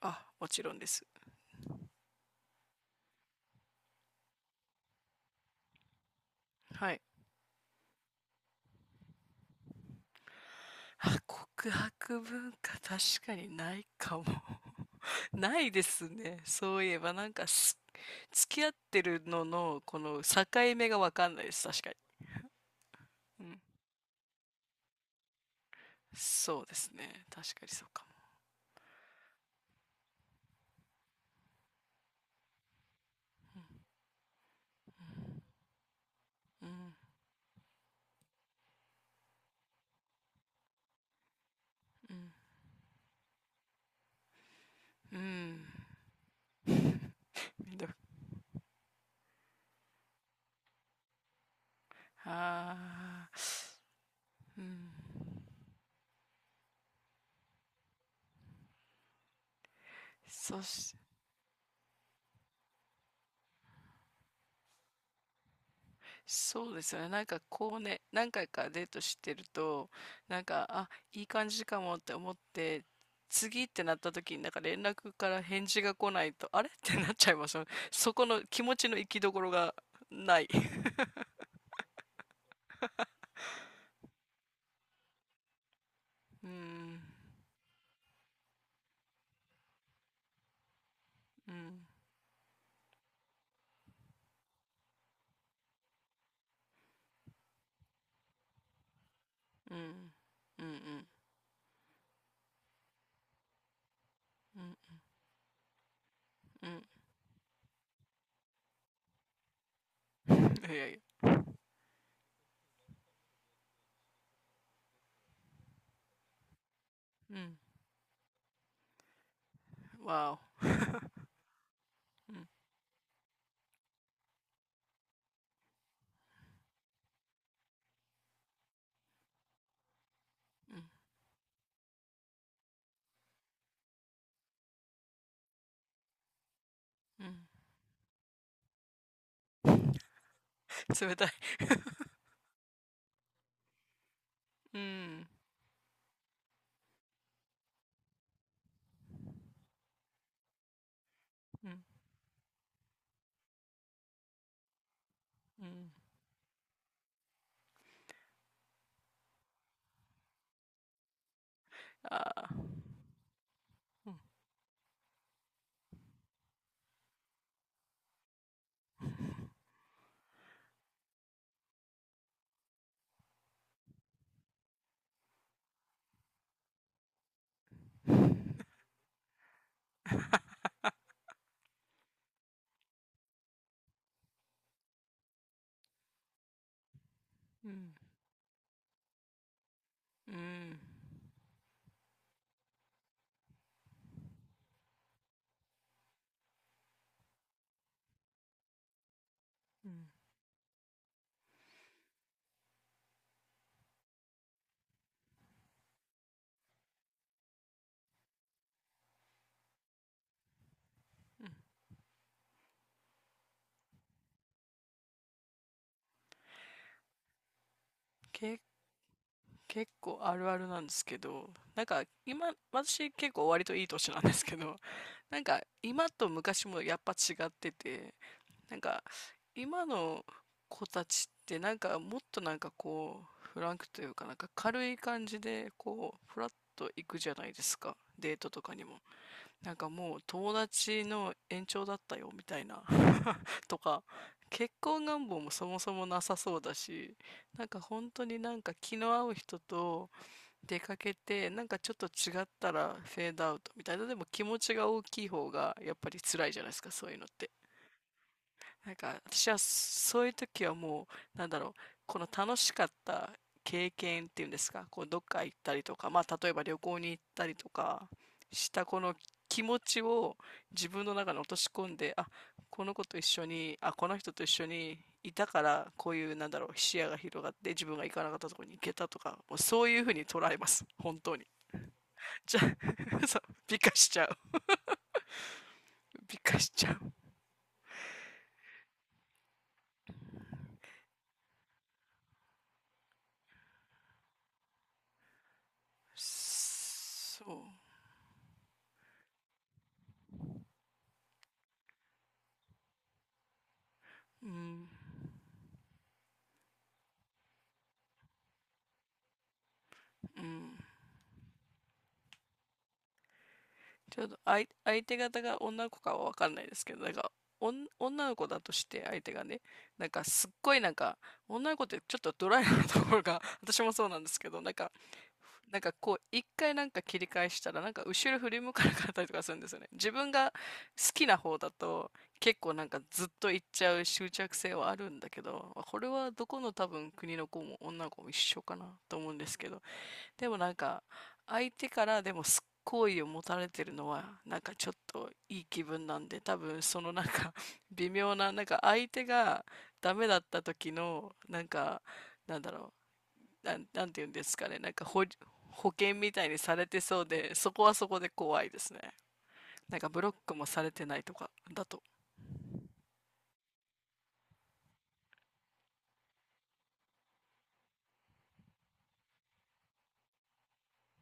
あ、もちろんです。はい。あ、告白文化確かにないかも。ないですね。そういえばなんかす付き合ってるののこの境目がわかんないです。確かに。うん。そうですね。確かにそうかも。うん、うん、うん。めんどく、ああ、うん。そし、そうですよね。なんかこうね、何回かデートしてると、なんか、あ、いい感じかもって思って、次ってなった時になんか連絡から返事が来ないと、あれ ってなっちゃいますよね。そこの気持ちの行きどころがない。うん、うん、うん、うん、うん、うん、うん。いやいや、うん、わお。うん、うん、うん。冷たい。うん、うん、うん。ああ、うん、うん、うん。うん、け、結構あるあるなんですけど、なんか今、私結構割といい年なんですけど、なんか今と昔もやっぱ違ってて、なんか今の子たちってなんかもっとなんかこう、フランクというかなんか軽い感じでこう、フラッと行くじゃないですか。デートとかにも。なんかもう友達の延長だったよみたいなとか、結婚願望もそもそもなさそうだし、なんか本当になんか気の合う人と出かけて、なんかちょっと違ったらフェードアウトみたいな。でも気持ちが大きい方がやっぱり辛いじゃないですか、そういうのって。なんか私はそういう時はもう、なんだろう、この楽しかった経験っていうんですか、こうどっか行ったりとか、まあ例えば旅行に行ったりとかしたこの気持ちを自分の中に落とし込んで、あ、この子と一緒に、あ、この人と一緒にいたからこういう、なんだろう、視野が広がって自分が行かなかったところに行けたとか、もうそういうふうに捉えます、本当に。じゃあ そう、美化しちゃう。美化しちゃう。そう。うん、うん。ちょっと相手方が女の子かはわかんないですけど、なんか、おん、女の子だとして相手がね、なんかすっごいなんか、女の子ってちょっとドライなところが 私もそうなんですけど、なんか、なんかこう、一回なんか切り返したら、なんか後ろ振り向かなかったりとかするんですよね。自分が好きな方だと、結構なんかずっと行っちゃう執着性はあるんだけど、これはどこの多分国の子も女の子も一緒かなと思うんですけど、でもなんか、相手からでも好意を持たれてるのは、なんかちょっといい気分なんで、多分そのなんか 微妙な、なんか相手がダメだった時の、なんか、なんだろう、なんて言うんですかね、保険みたいにされてそうで、そこはそこで怖いですね。なんかブロックもされてないとか、だと。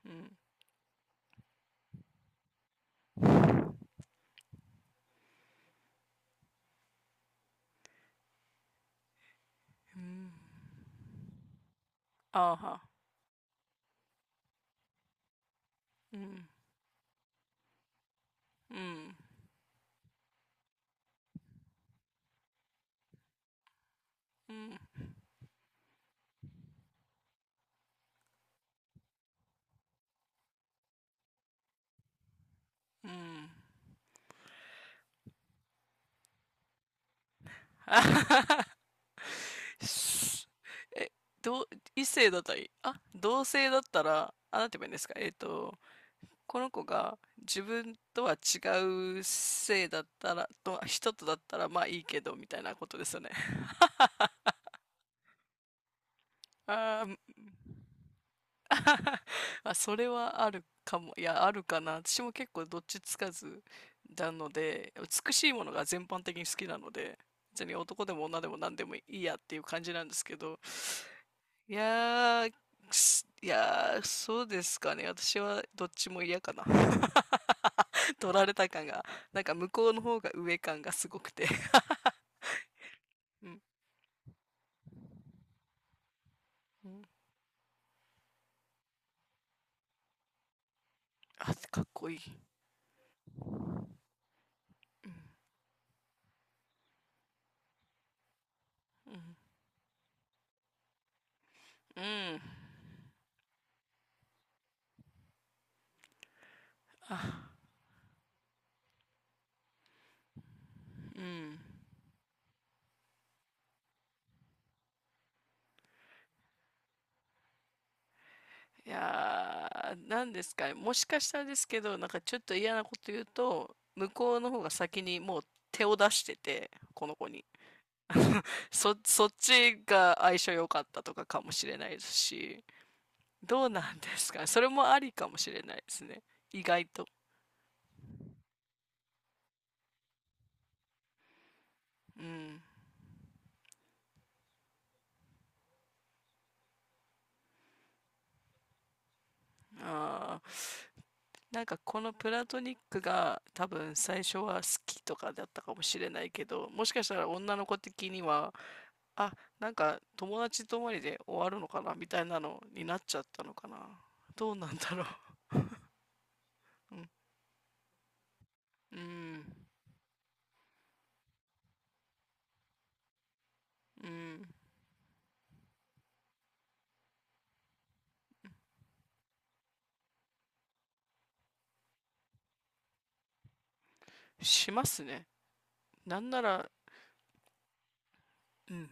うん。うん。ああは。うん。うん。うん。うん。あははは すえ、どう、異性だったり、あ、同性だったら、あ、なんて言えばいいんですか、この子が自分とは違う性だったら、と人とだったら、まあいいけど、みたいなことですよね。あー、あ、それはあるかも。いや、あるかな。私も結構どっちつかずなので、美しいものが全般的に好きなので、別に男でも女でも何でもいいやっていう感じなんですけど、いやー、いやー、そうですかね。私はどっちも嫌かな。取られた感が、なんか向こうの方が上感がすごくて。うん。うん。あ、かっこいい。うん。うん。あ、うん。いやー、なんですかね。もしかしたらですけど、なんかちょっと嫌なこと言うと、向こうの方が先にもう手を出してて、この子に。そっちが相性良かったとかかもしれないですし。どうなんですかそれもありかもしれないですね。意外と。うん。あ、なんかこのプラトニックが多分最初は好きとかだったかもしれないけど、もしかしたら女の子的には、あ、なんか友達とまりで終わるのかなみたいなのになっちゃったのかな。どうなんだろう うん。うん。うん。しますね。なんなら、うん。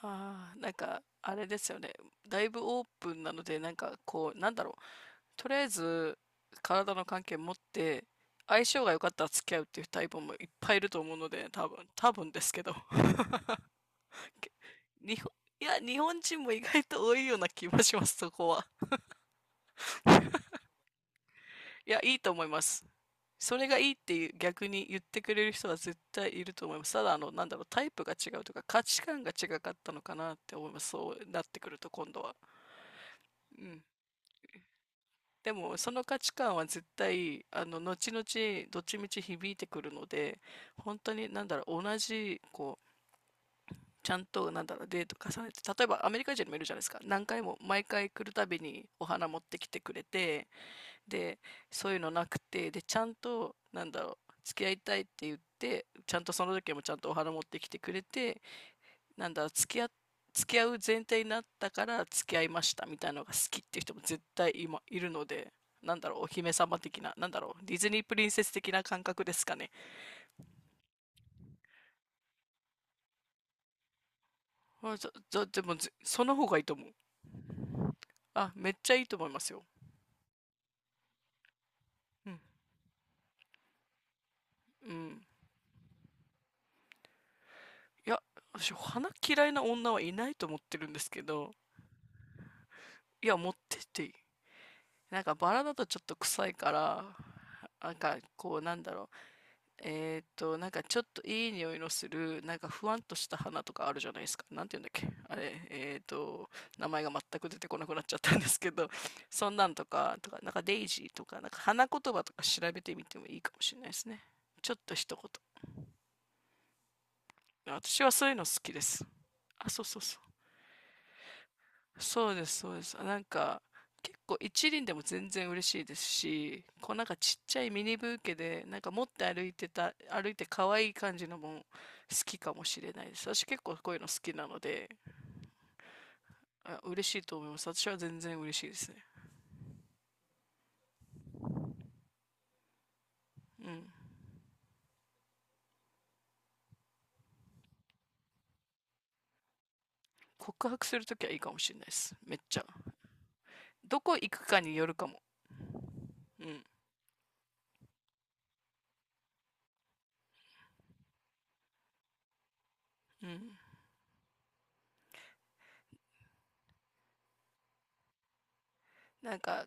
ああ、なんかあれですよね。だいぶオープンなので、なんかこう、なんだろう、とりあえず体の関係持って相性が良かったら付き合うっていうタイプもいっぱいいると思うので、多分ですけど。 日本、いや、日本人も意外と多いような気もします、そこは。いや、いいと思います。それがいいっていう逆に言ってくれる人は絶対いると思います。ただ、あの、なんだろう、タイプが違うとか価値観が違かったのかなって思います。そうなってくると今度は、うん、でも、その価値観は絶対、あの、後々、どっちみち響いてくるので、本当に、なんだろう、同じ、こう、ちゃんと、なんだろう、デート重ねて、例えばアメリカ人もいるじゃないですか。何回も、毎回来るたびにお花持ってきてくれて、で、そういうのなくて、で、ちゃんと、なんだろう、付き合いたいって言って、ちゃんとその時もちゃんとお花持ってきてくれて、なんだろう、付き合う前提になったから付き合いましたみたいなのが好きっていう人も絶対今いるので、なんだろう、お姫様的な、なんだろう、ディズニープリンセス的な感覚ですかね。まあ、じゃ、じゃ、でもその方がいいと思う。あ、めっちゃいいと思いますよ。うん。うん。いや、私、花嫌いな女はいないと思ってるんですけど、いや、持ってっていい。なんかバラだとちょっと臭いから、なんかこう、なんだろう、なんかちょっといい匂いのする、なんかふわんとした花とかあるじゃないですか。なんて言うんだっけ。あれ、名前が全く出てこなくなっちゃったんですけど、そんなんとか、とか、なんかデイジーとか、なんか花言葉とか調べてみてもいいかもしれないですね。ちょっと一言。私はそういうの好きです。あ、そうそうそう。そうです、そうです。なんか、結構一輪でも全然嬉しいですし、こうなんかちっちゃいミニブーケで、なんか持って歩いてた、歩いて可愛い感じのも好きかもしれないです。私結構こういうの好きなので、あ、嬉しいと思います。私は全然嬉しいですね。うん。告白するときはいいかもしれないです。めっちゃ。どこ行くかによるかも。うん。うん。なんか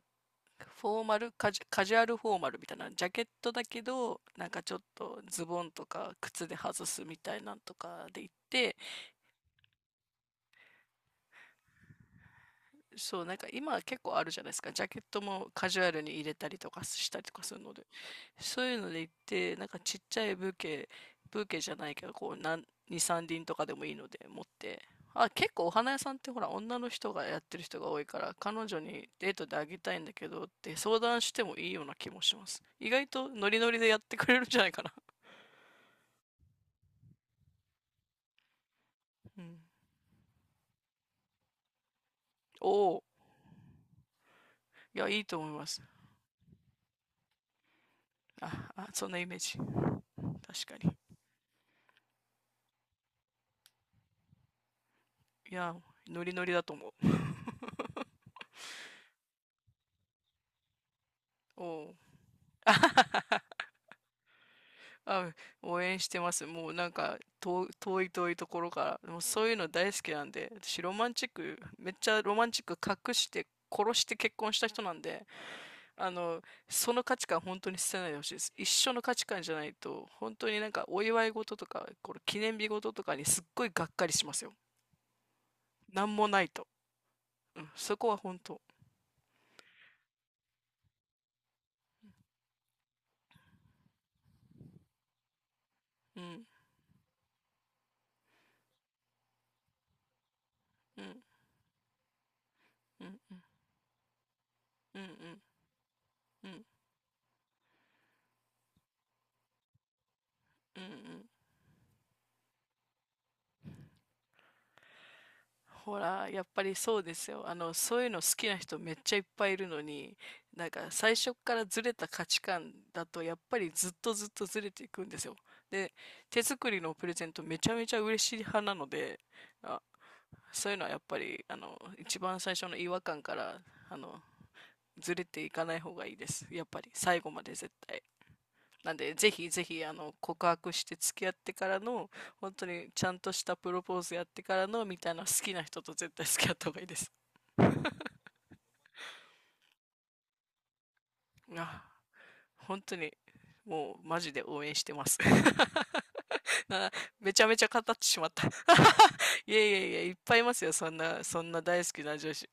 フォーマル、カジュアルフォーマルみたいな、ジャケットだけど、なんかちょっとズボンとか靴で外すみたいなんとかで行って、そう、なんか今結構あるじゃないですか。ジャケットもカジュアルに入れたりとかしたりとかするので。そういうので行って、なんかちっちゃいブーケ、ブーケじゃないけど、こう、なん、2、さん輪とかでもいいので持って、あ、結構お花屋さんってほら、女の人がやってる人が多いから、彼女にデートであげたいんだけどって相談してもいいような気もします。意外とノリノリでやってくれるんじゃないかな。うん。おお、いや、いいと思います。あ、あ、そんなイメージ。確かに。いや、ノリノリだと思う。おお。あはは、あ、応援してます。もうなんか遠い遠いところから、もうそういうの大好きなんで、私ロマンチック、めっちゃロマンチック隠して、殺して結婚した人なんで、あの、その価値観本当に捨てないでほしいです。一緒の価値観じゃないと、本当になんかお祝い事とか、これ記念日事とかにすっごいがっかりしますよ。なんもないと。うん、そこは本当。うん、うん、うん、うん、うん、うん、うん、うん。うん、ほら、やっぱりそうですよ。あの、そういうの好きな人めっちゃいっぱいいるのに、なんか最初からずれた価値観だと、やっぱりずっとずっとずれていくんですよ。で、手作りのプレゼントめちゃめちゃ嬉しい派なので、あ、そういうのはやっぱり、あの、一番最初の違和感から、あの、ずれていかない方がいいです。やっぱり最後まで絶対。なんで、ぜひぜひ、あの、告白して付き合ってからの、本当にちゃんとしたプロポーズやってからの、みたいな好きな人と絶対付き合った方がいいです。あ、本当に、もう、マジで応援してます。な、めちゃめちゃ語ってしまった。いやいやいや、いっぱいいますよ。そんな、そんな大好きな女子、